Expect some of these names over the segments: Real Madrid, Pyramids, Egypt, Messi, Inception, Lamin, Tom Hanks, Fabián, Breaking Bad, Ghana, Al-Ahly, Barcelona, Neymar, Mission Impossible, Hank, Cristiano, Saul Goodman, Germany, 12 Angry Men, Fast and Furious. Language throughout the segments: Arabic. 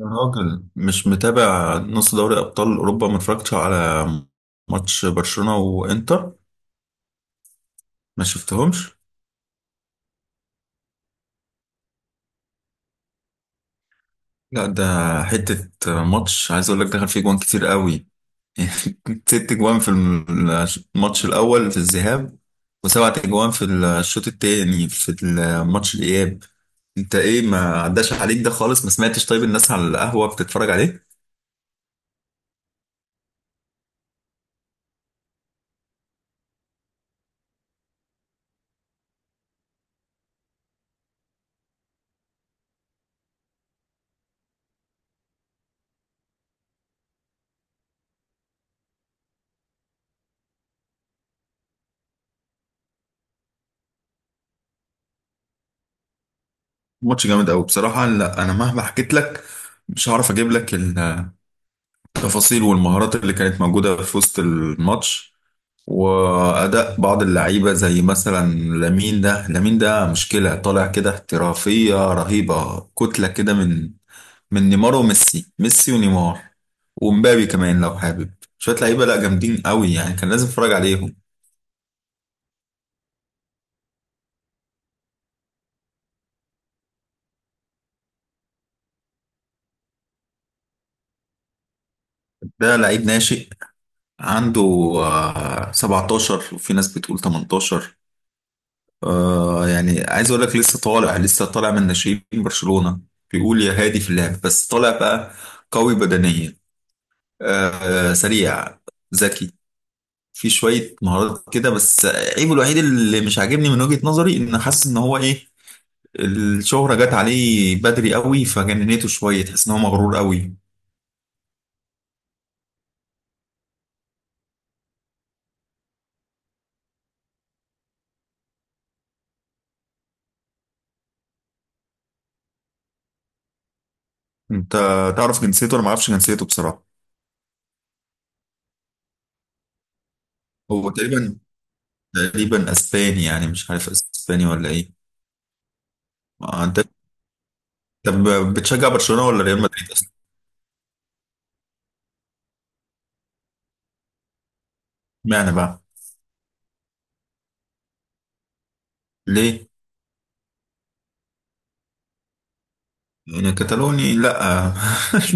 يا راجل، مش متابع نص دوري ابطال اوروبا. ما اتفرجتش على ماتش برشلونة وانتر، ما شفتهمش. لا، ده حتة ماتش عايز اقول لك دخل فيه جوان كتير قوي. ست جوان في الماتش الاول في الذهاب، وسبعة جوان في الشوط التاني في الماتش الاياب. انت ايه، ما عداش عليك ده خالص؟ ما سمعتش؟ طيب، الناس على القهوة بتتفرج عليه. ماتش جامد قوي بصراحة. لا، انا مهما حكيت لك مش هعرف اجيب لك التفاصيل والمهارات اللي كانت موجودة في وسط الماتش، وأداء بعض اللعيبة، زي مثلا لامين ده مشكلة، طالع كده احترافية رهيبة، كتلة كده من نيمار وميسي، ميسي ونيمار، ومبابي كمان. لو حابب شوية لعيبة، لا جامدين قوي يعني، كان لازم اتفرج عليهم. ده لعيب ناشئ، عنده 17، وفي ناس بتقول 18. يعني عايز اقول لك لسه طالع، لسه طالع من ناشئين برشلونة، بيقول يا هادي في اللعب، بس طالع بقى قوي بدنيا، سريع، ذكي، في شوية مهارات كده. بس عيبه الوحيد اللي مش عاجبني من وجهة نظري، ان حاسس ان هو ايه، الشهرة جت عليه بدري قوي فجننته شوية، تحس ان هو مغرور قوي. انت تعرف جنسيته؟ انا ما اعرفش جنسيته بصراحة. هو تقريبا اسباني يعني، مش عارف اسباني ولا ايه. انت، طب بتشجع برشلونة ولا ريال مدريد؟ معنى بقى ليه؟ انا كتالوني لا،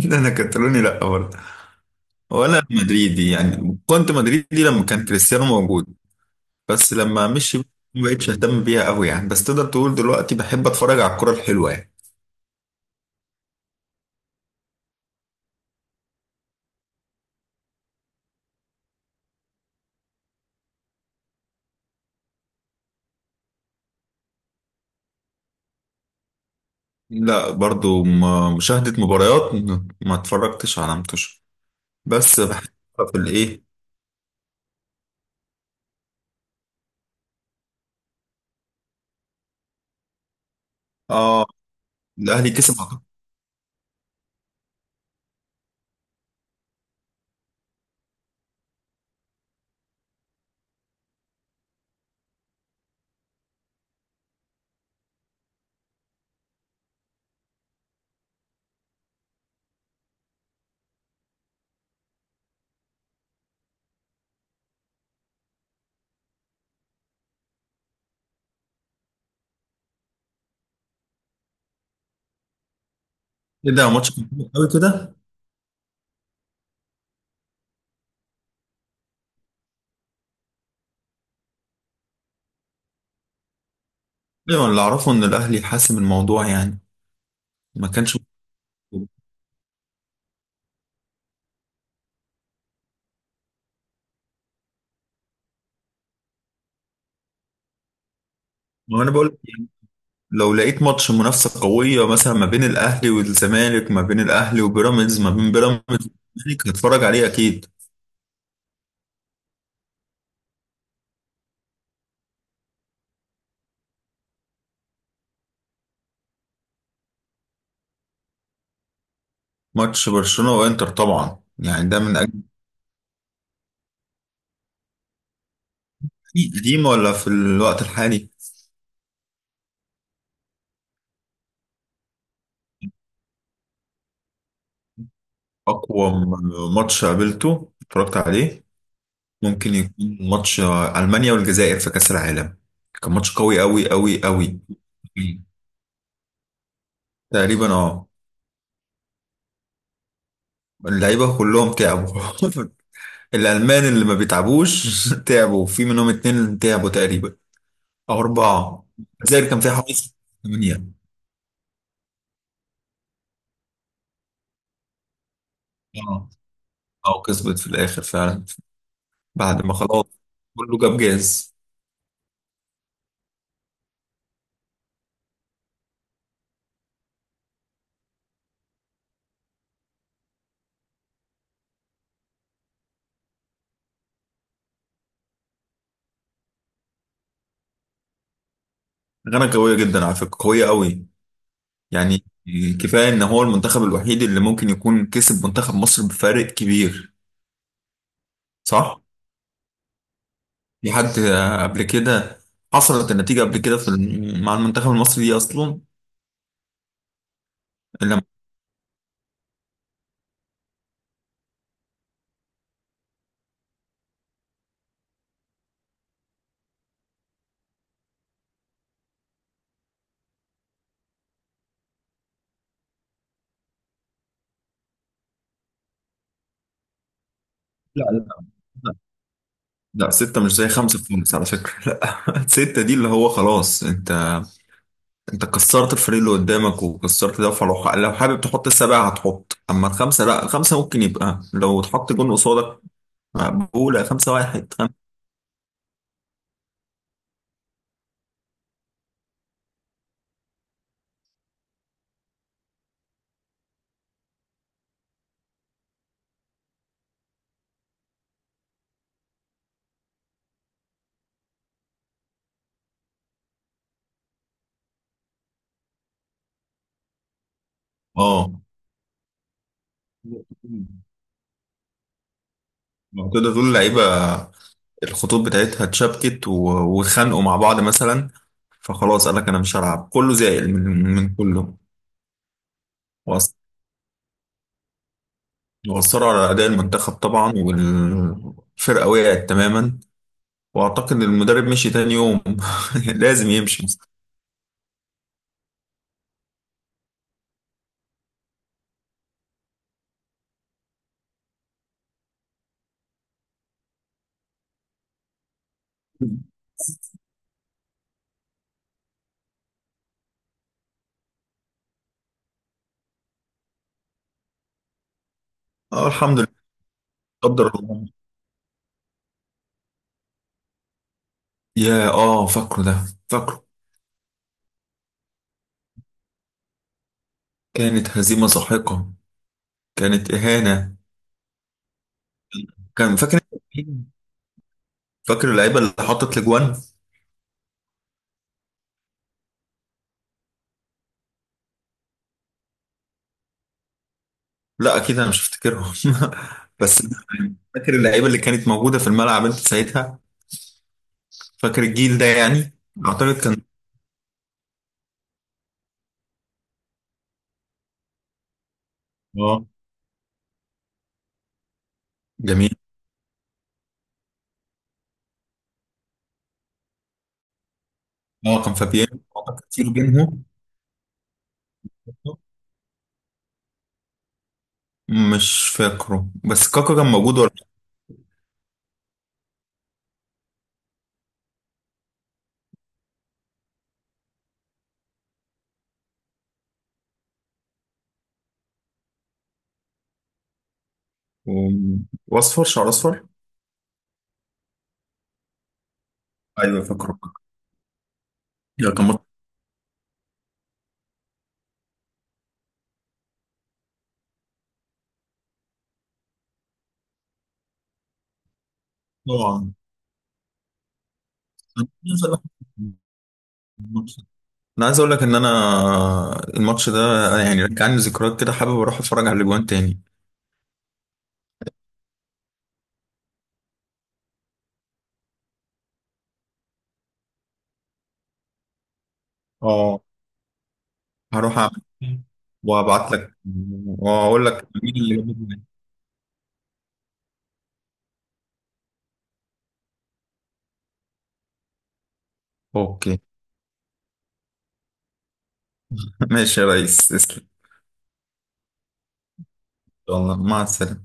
انا كتالوني لا برضه، ولا مدريدي يعني. كنت مدريدي لما كان كريستيانو موجود، بس لما مشي ما بقتش اهتم بيها قوي يعني. بس تقدر تقول دلوقتي بحب اتفرج على الكرة الحلوة يعني. لا، برضه مشاهدة مباريات، ما اتفرجتش على متوش، بس بحب. في الايه؟ اه، الاهلي كسب أعتقد. ايه ده، ماتش كان حلو قوي كده. ايوه، اللي اعرفه ان الاهلي حاسم الموضوع يعني. ما كانش. ما انا بقول، لو لقيت ماتش منافسة قوية مثلا، ما بين الأهلي والزمالك، ما بين الأهلي وبيراميدز، ما بين بيراميدز والزمالك، هتفرج عليه أكيد. ماتش برشلونة وإنتر طبعا يعني، ده من أجل. قديم ولا في الوقت الحالي؟ أقوى ماتش قابلته اتفرجت عليه، ممكن يكون ماتش ألمانيا والجزائر في كأس العالم. كان ماتش قوي أوي أوي أوي. تقريبا، اه. اللعيبة كلهم تعبوا. الألمان اللي ما بيتعبوش تعبوا، في منهم اتنين تعبوا تقريبا، أو أربعة. لذلك كان فيها حوالي ثمانية. اه، أو كسبت في الآخر فعلا، بعد ما خلاص كله جاب جاز. غانا قوية جدا على فكرة، قوية قوي يعني. كفاية إن هو المنتخب الوحيد اللي ممكن يكون كسب منتخب مصر بفارق كبير. صح؟ في حد قبل كده حصلت النتيجة قبل كده في مع المنتخب المصري دي أصلا؟ إلا لا. لا، لا، لا، ستة مش زي خمسة في خالص على فكرة، لا. ستة دي اللي هو خلاص انت كسرت الفريق اللي قدامك، وكسرت ده. فلو، لو حابب تحط السبعة هتحط، اما الخمسة لا، خمسة ممكن يبقى لو اتحط جون قصادك، مقبولة. خمسة واحد، خمسة. اه، لو تقدر تقول اللعيبة الخطوط بتاعتها اتشابكت واتخانقوا مع بعض مثلا، فخلاص قال لك انا مش هلعب، كله زائل من كله. وأث- وأثروا على أداء المنتخب طبعا، والفرقة وقعت تماما. وأعتقد المدرب مشي تاني يوم. لازم يمشي. اه، الحمد لله، قدر الله. يا اه، فاكره ده فاكره. كانت هزيمة ساحقة، كانت إهانة. كان فاكر اللعيبة اللي حطت الأجوان. لا، أكيد أنا مش هفتكرهم. بس فاكر اللعيبة اللي كانت موجودة في الملعب أنت ساعتها؟ فاكر الجيل ده يعني؟ أعتقد كان، اه، جميل. اه، كان فابيان أعتقد كتير بينهم. مش فاكره، بس كاكا كان موجود ولا؟ و- وأصفر، شعر أصفر. أيوه فاكره. يا كان مط- طبعا. انا عايز اقول لك ان انا الماتش ده يعني رجعني ذكريات كده، حابب اروح اتفرج على الاجوان تاني. اه، هروح اعمل وابعت لك، واقول لك مين اللي جاب الجوان. اوكي. ماشي يا ريس، تسلم. يلا، مع السلامة.